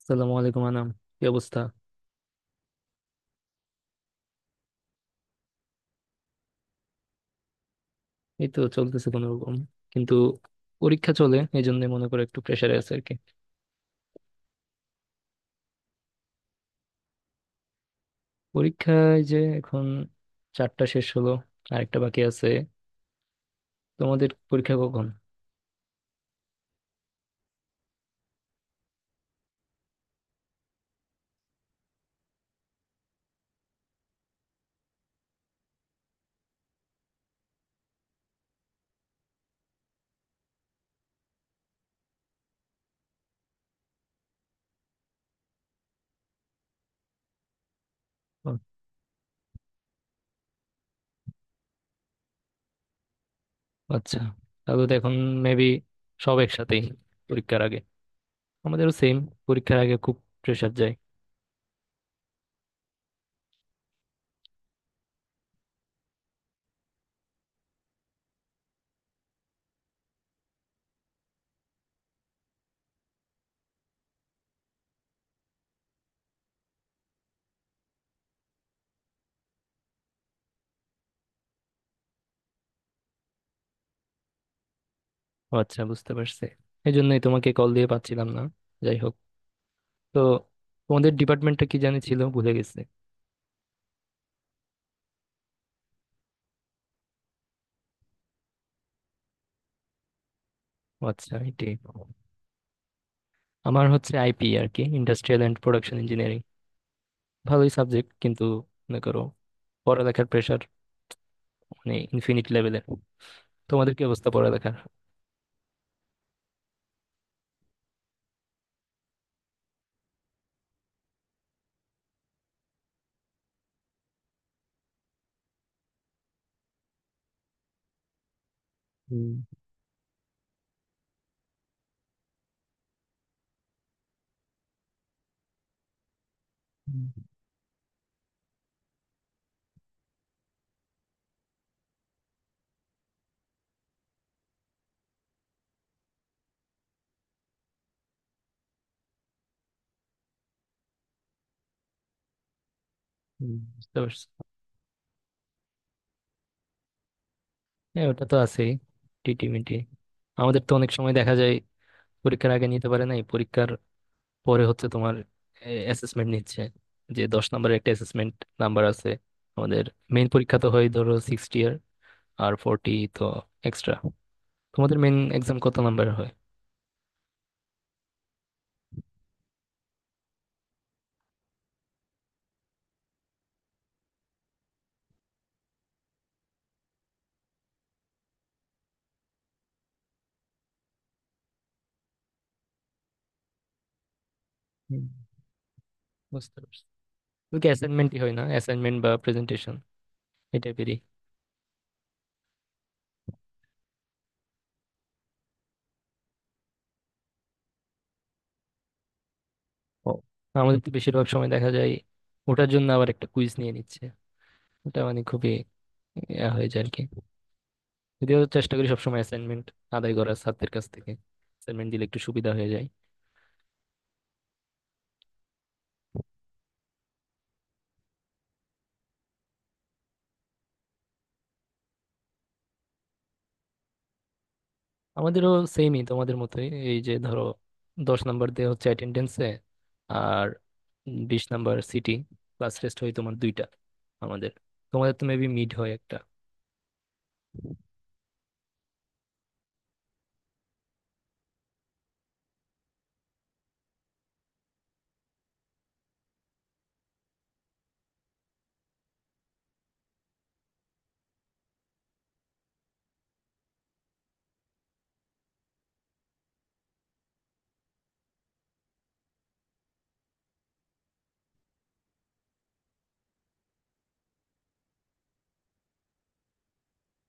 আসসালামু আলাইকুম আনাম, কি অবস্থা? এই তো চলতেছে কোনো রকম, কিন্তু পরীক্ষা চলে, এই জন্য মনে করো একটু প্রেশারে আছে আর কি। পরীক্ষায় যে এখন চারটা শেষ হলো, আরেকটা বাকি আছে। তোমাদের পরীক্ষা কখন? ও, আচ্ছা, তাহলে তো এখন মেবি সব একসাথেই পরীক্ষার আগে। আমাদেরও সেম, পরীক্ষার আগে খুব প্রেশার যায়। ও আচ্ছা, বুঝতে পারছি। এই জন্যই তোমাকে কল দিয়ে পাচ্ছিলাম না। যাই হোক, তো তোমাদের ডিপার্টমেন্টটা কি জানি ছিল, ভুলে গেছে। ও আচ্ছা, এটাই। আমার হচ্ছে আইপি আর কি, ইন্ডাস্ট্রিয়াল এন্ড প্রোডাকশন ইঞ্জিনিয়ারিং। ভালোই সাবজেক্ট কিন্তু, মনে করো পড়ালেখার প্রেশার মানে ইনফিনিট লেভেলের। তোমাদের কি অবস্থা পড়ালেখার? হুম। হুম। হুম, বুঝতে পারছো। হ্যাঁ, ওটা তো আছেই। টিটি মিটি আমাদের তো অনেক সময় দেখা যায়, পরীক্ষার আগে নিতে পারে নাই, পরীক্ষার পরে হচ্ছে তোমার অ্যাসেসমেন্ট নিচ্ছে, যে 10 নম্বরের একটা অ্যাসেসমেন্ট নাম্বার আছে আমাদের। মেইন পরীক্ষা তো হয় ধরো 60 ইয়ার, আর 40, তো এক্সট্রা। তোমাদের মেইন এক্সাম কত নাম্বার? হয়। বুঝতে পারছি। শুধু কি অ্যাসাইনমেন্টই হয় না, অ্যাসাইনমেন্ট বা প্রেজেন্টেশন? এই টাইপেরই? ও, আমাদের তো বেশিরভাগ সময় দেখা যায় ওটার জন্য আবার একটা কুইজ নিয়ে নিচ্ছে। ওটা মানে খুবই ইয়া হয়ে যায় আর কি। যদিও চেষ্টা করি সবসময় অ্যাসাইনমেন্ট আদায় করার ছাত্রদের কাছ থেকে, অ্যাসাইনমেন্ট দিলে একটু সুবিধা হয়ে যায়। আমাদেরও সেমই, তোমাদের মতোই এই যে ধরো 10 নাম্বার দেওয়া হচ্ছে অ্যাটেন্ডেন্সে, আর 20 নাম্বার সিটি। ক্লাস টেস্ট হয় তোমার দুইটা আমাদের। তোমাদের তো মেবি মিড হয় একটা?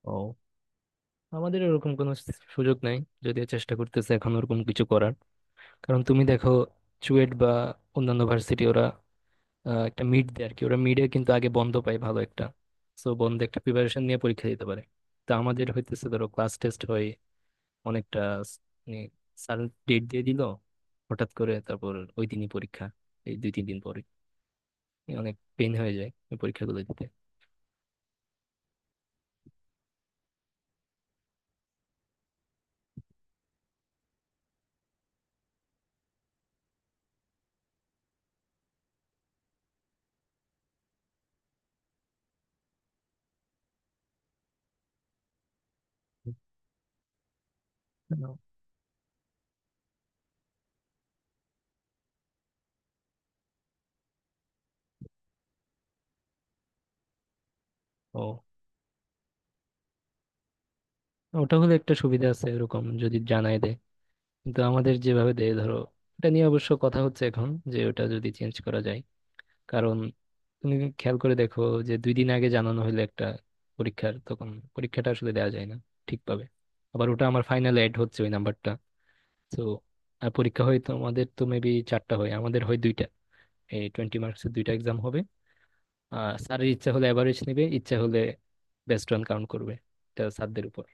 ও, আমাদের এরকম কোনো সুযোগ নাই। যদিও চেষ্টা করতেছে এখন ওরকম কিছু করার, কারণ তুমি দেখো চুয়েট বা অন্যান্য ভার্সিটি ওরা একটা মিড দেয় আর কি, ওরা মিডে কিন্তু আগে বন্ধ পায় ভালো একটা। সো বন্ধে একটা প্রিপারেশন নিয়ে পরীক্ষা দিতে পারে। তো আমাদের হইতেছে ধরো ক্লাস টেস্ট হয় অনেকটা স্যার ডেট দিয়ে দিল হঠাৎ করে, তারপর ওই দিনই পরীক্ষা, এই দুই তিন দিন পরে। অনেক পেন হয়ে যায় এই পরীক্ষাগুলো দিতে। ও, ওটা হলে একটা সুবিধা আছে এরকম যদি জানাই দেয়, কিন্তু আমাদের যেভাবে দেয় ধরো, এটা নিয়ে অবশ্য কথা হচ্ছে এখন যে ওটা যদি চেঞ্জ করা যায়। কারণ তুমি খেয়াল করে দেখো যে দুই দিন আগে জানানো হলে একটা পরীক্ষার, তখন পরীক্ষাটা আসলে দেওয়া যায় না ঠিকভাবে। আবার ওটা আমার ফাইনালে অ্যাড হচ্ছে ওই নাম্বারটা। তো পরীক্ষা হয় তো আমাদের তো মেবি চারটা হয়, আমাদের হয় দুইটা, এই 20 মার্কসের দুইটা এক্সাম হবে। আর স্যারের ইচ্ছা হলে অ্যাভারেজ নেবে, ইচ্ছা হলে বেস্ট রান কাউন্ট করবে। এটা স্যারদের উপর।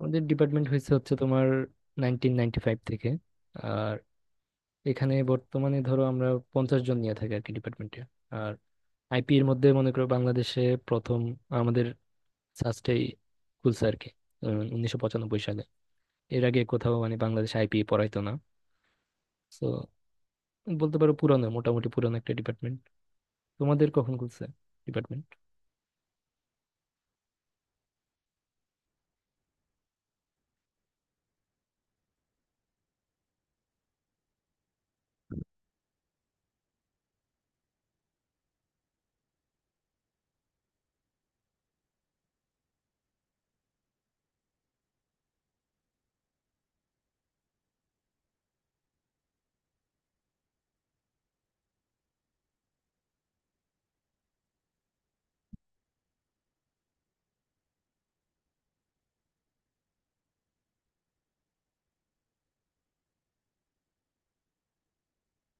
আমাদের ডিপার্টমেন্ট হয়েছে হচ্ছে তোমার 1995 থেকে। আর এখানে বর্তমানে ধরো আমরা 50 জন নিয়ে থাকি আর কি ডিপার্টমেন্টে। আর আইপি এর মধ্যে মনে করো বাংলাদেশে প্রথম আমাদের সাস্টেই খুলছে আর কি, 1995 সালে। এর আগে কোথাও মানে বাংলাদেশে আইপি পড়াইতো না। তো বলতে পারো পুরানো, মোটামুটি পুরানো একটা ডিপার্টমেন্ট। তোমাদের কখন খুলছে ডিপার্টমেন্ট?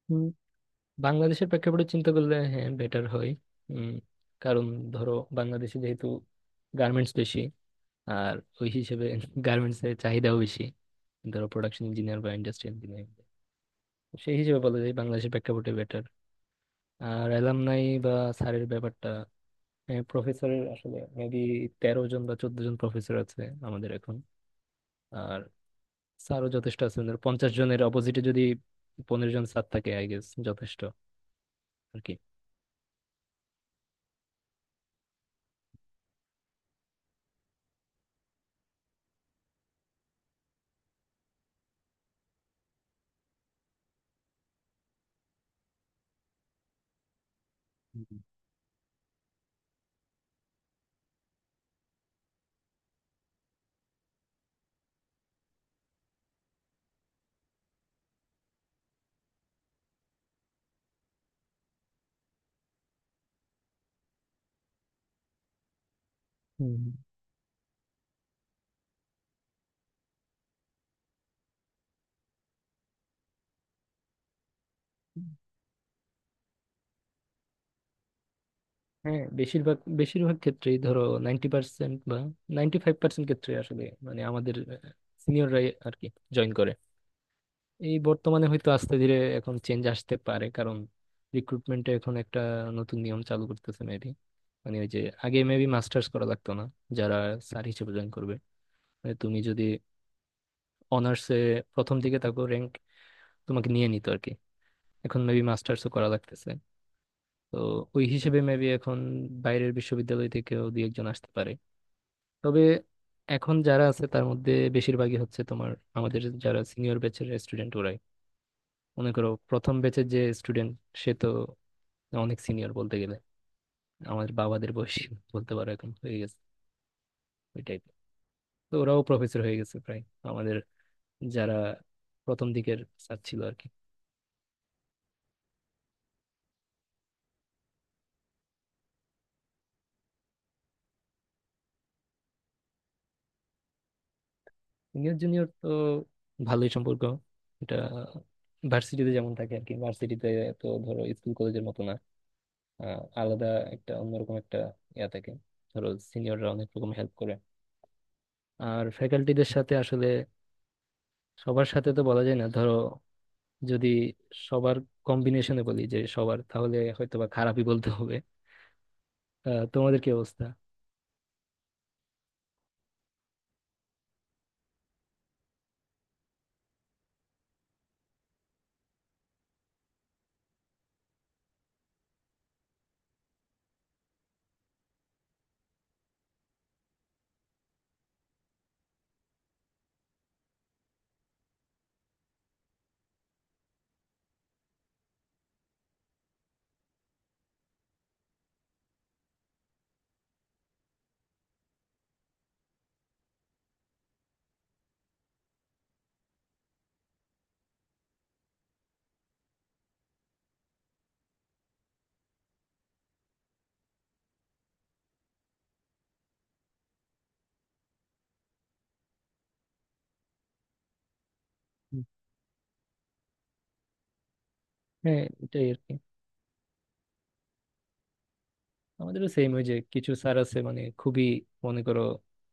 হুম, বাংলাদেশের প্রেক্ষাপটে চিন্তা করলে হ্যাঁ বেটার হয়। উম, কারণ ধরো বাংলাদেশে যেহেতু গার্মেন্টস বেশি, আর ওই হিসেবে গার্মেন্টস এর চাহিদাও বেশি, ধরো প্রোডাকশন ইঞ্জিনিয়ার বা ইন্ডাস্ট্রি ইঞ্জিনিয়ার, সেই হিসেবে বলা যায় বাংলাদেশের প্রেক্ষাপটে বেটার। আর অ্যালামনাই বা স্যারের ব্যাপারটা, প্রফেসরের আসলে মেবি 13 জন বা 14 জন প্রফেসর আছে আমাদের এখন। আর স্যারও যথেষ্ট আছে, ওদের 50 জনের অপোজিটে যদি 15 জন স্যার থাকে, আই গেস যথেষ্ট আর কি। হুম। হুম। হ্যাঁ, বেশিরভাগ বেশিরভাগ ক্ষেত্রেই ধরো 90% বা 95% ক্ষেত্রে আসলে মানে আমাদের সিনিয়ররাই আর কি জয়েন করে। এই বর্তমানে হয়তো আস্তে ধীরে এখন চেঞ্জ আসতে পারে, কারণ রিক্রুটমেন্টে এখন একটা নতুন নিয়ম চালু করতেছে মেবি। মানে ওই যে আগে মেবি মাস্টার্স করা লাগতো না যারা স্যার হিসেবে জয়েন করবে, মানে তুমি যদি অনার্সে প্রথম দিকে থাকো র্যাঙ্ক, তোমাকে নিয়ে নিত আর কি। এখন মেবি মাস্টার্সও করা লাগতেছে। তো ওই হিসেবে মেবি এখন বাইরের বিশ্ববিদ্যালয় থেকেও দুই একজন আসতে পারে। তবে এখন যারা আছে তার মধ্যে বেশিরভাগই হচ্ছে তোমার আমাদের যারা সিনিয়র ব্যাচের স্টুডেন্ট ওরাই। মনে করো প্রথম ব্যাচের যে স্টুডেন্ট, সে তো অনেক সিনিয়র বলতে গেলে আমাদের বাবাদের বয়সী বলতে পারো এখন হয়ে গেছে, ওই টাইপের। তো ওরাও প্রফেসর হয়ে গেছে প্রায়, আমাদের যারা প্রথম দিকের স্যার ছিল আর কি। সিনিয়র জুনিয়র তো ভালোই সম্পর্ক। এটা ভার্সিটিতে যেমন থাকে আর কি ভার্সিটিতে, তো ধরো স্কুল কলেজের মতো না। আলাদা একটা, অন্যরকম একটা ইয়া থাকে। ধরো সিনিয়ররা অনেক রকম হেল্প করে। আর ফ্যাকাল্টিদের সাথে আসলে সবার সাথে তো বলা যায় না, ধরো যদি সবার কম্বিনেশনে বলি যে সবার, তাহলে হয়তোবা খারাপই বলতে হবে। তোমাদের কি অবস্থা? হ্যাঁ, এটাই আর কি। আমাদেরও সেম, ওই যে কিছু স্যার আছে মানে খুবই, মনে করো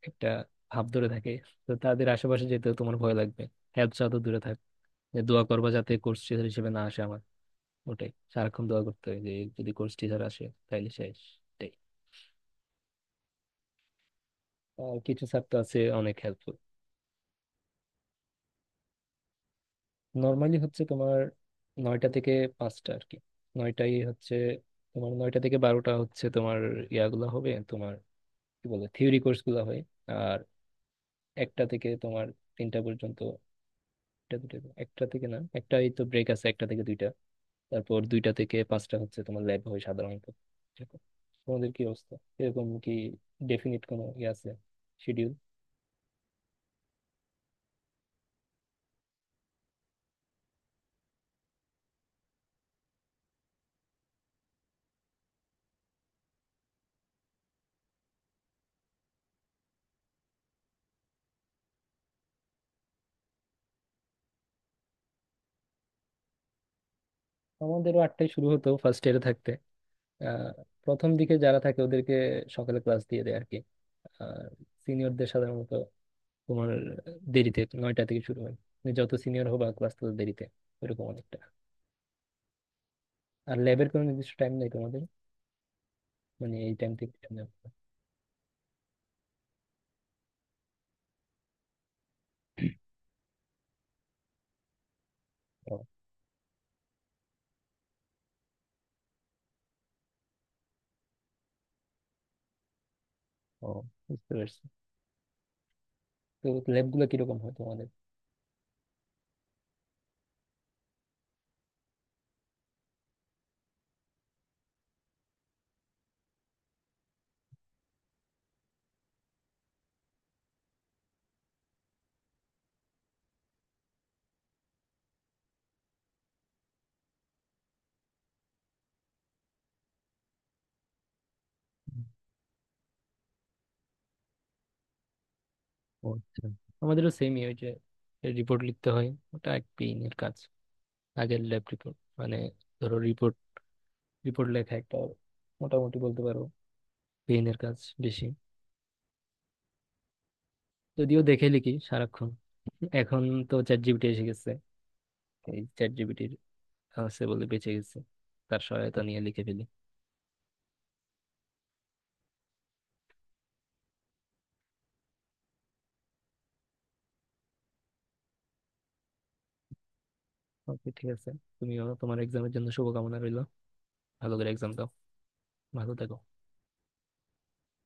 একটা ভাব ধরে থাকে। তো তাদের আশেপাশে যেতেও তোমার ভয় লাগবে, হেল্প চাও তো দূরে থাক। যে দোয়া করবা যাতে কোর্স টিচার হিসেবে না আসে আমার। ওটাই সারাক্ষণ দোয়া করতে হয় যে যদি কোর্স টিচার আসে তাহলে শেষ। এটাই। আর কিছু স্যার তো আছে অনেক হেল্পফুল। নর্মালি হচ্ছে তোমার নয়টা থেকে পাঁচটা আর কি। নয়টাই হচ্ছে তোমার, নয়টা থেকে বারোটা হচ্ছে তোমার ইয়াগুলো হবে তোমার কি বলে থিওরি কোর্স গুলো হয়। একটা থেকে তোমার তিনটা পর্যন্ত, একটা দুটো, একটা থেকে না একটা, এই তো ব্রেক আছে একটা থেকে দুইটা। তারপর দুইটা থেকে পাঁচটা হচ্ছে তোমার ল্যাব হয় সাধারণত, এরকম। তোমাদের কি অবস্থা? এরকম কি ডেফিনিট কোনো ইয়ে আছে, শিডিউল? আমাদেরও আটটায় শুরু হতো ফার্স্ট ইয়ারে থাকতে। আহ, প্রথম দিকে যারা থাকে ওদেরকে সকালে ক্লাস দিয়ে দেয় আর কি। আর সিনিয়রদের সাধারণত তোমার দেরিতে নয়টা থেকে শুরু হয়, তুমি যত সিনিয়র হবা ক্লাস তত দেরিতে, এরকম অনেকটা। আর ল্যাবের কোনো নির্দিষ্ট টাইম নেই তোমাদের, মানে এই টাইম থেকে সামনে আসবে। ও। ও, বুঝতে পারছি। তো ল্যাব গুলো কিরকম হয় তোমাদের? ও আচ্ছা, আমাদেরও সেমই ওই যে রিপোর্ট লিখতে হয়, ওটা এক পেইন এর কাজ। আগের ল্যাব রিপোর্ট মানে, ধরো রিপোর্ট রিপোর্ট লেখা একটা মোটামুটি বলতে পারো পেইন এর কাজ বেশি, যদিও দেখে লিখি সারাক্ষণ। এখন তো চ্যাট জিপিটি এসে গেছে, এই চ্যাট জিপিটির আছে বলে বেঁচে গেছে, তার সহায়তা নিয়ে লিখে ফেলি। ওকে, ঠিক আছে। তুমিও তোমার এক্সামের জন্য শুভকামনা রইলো। ভালো করে এক্সাম দাও। ভালো থেকো।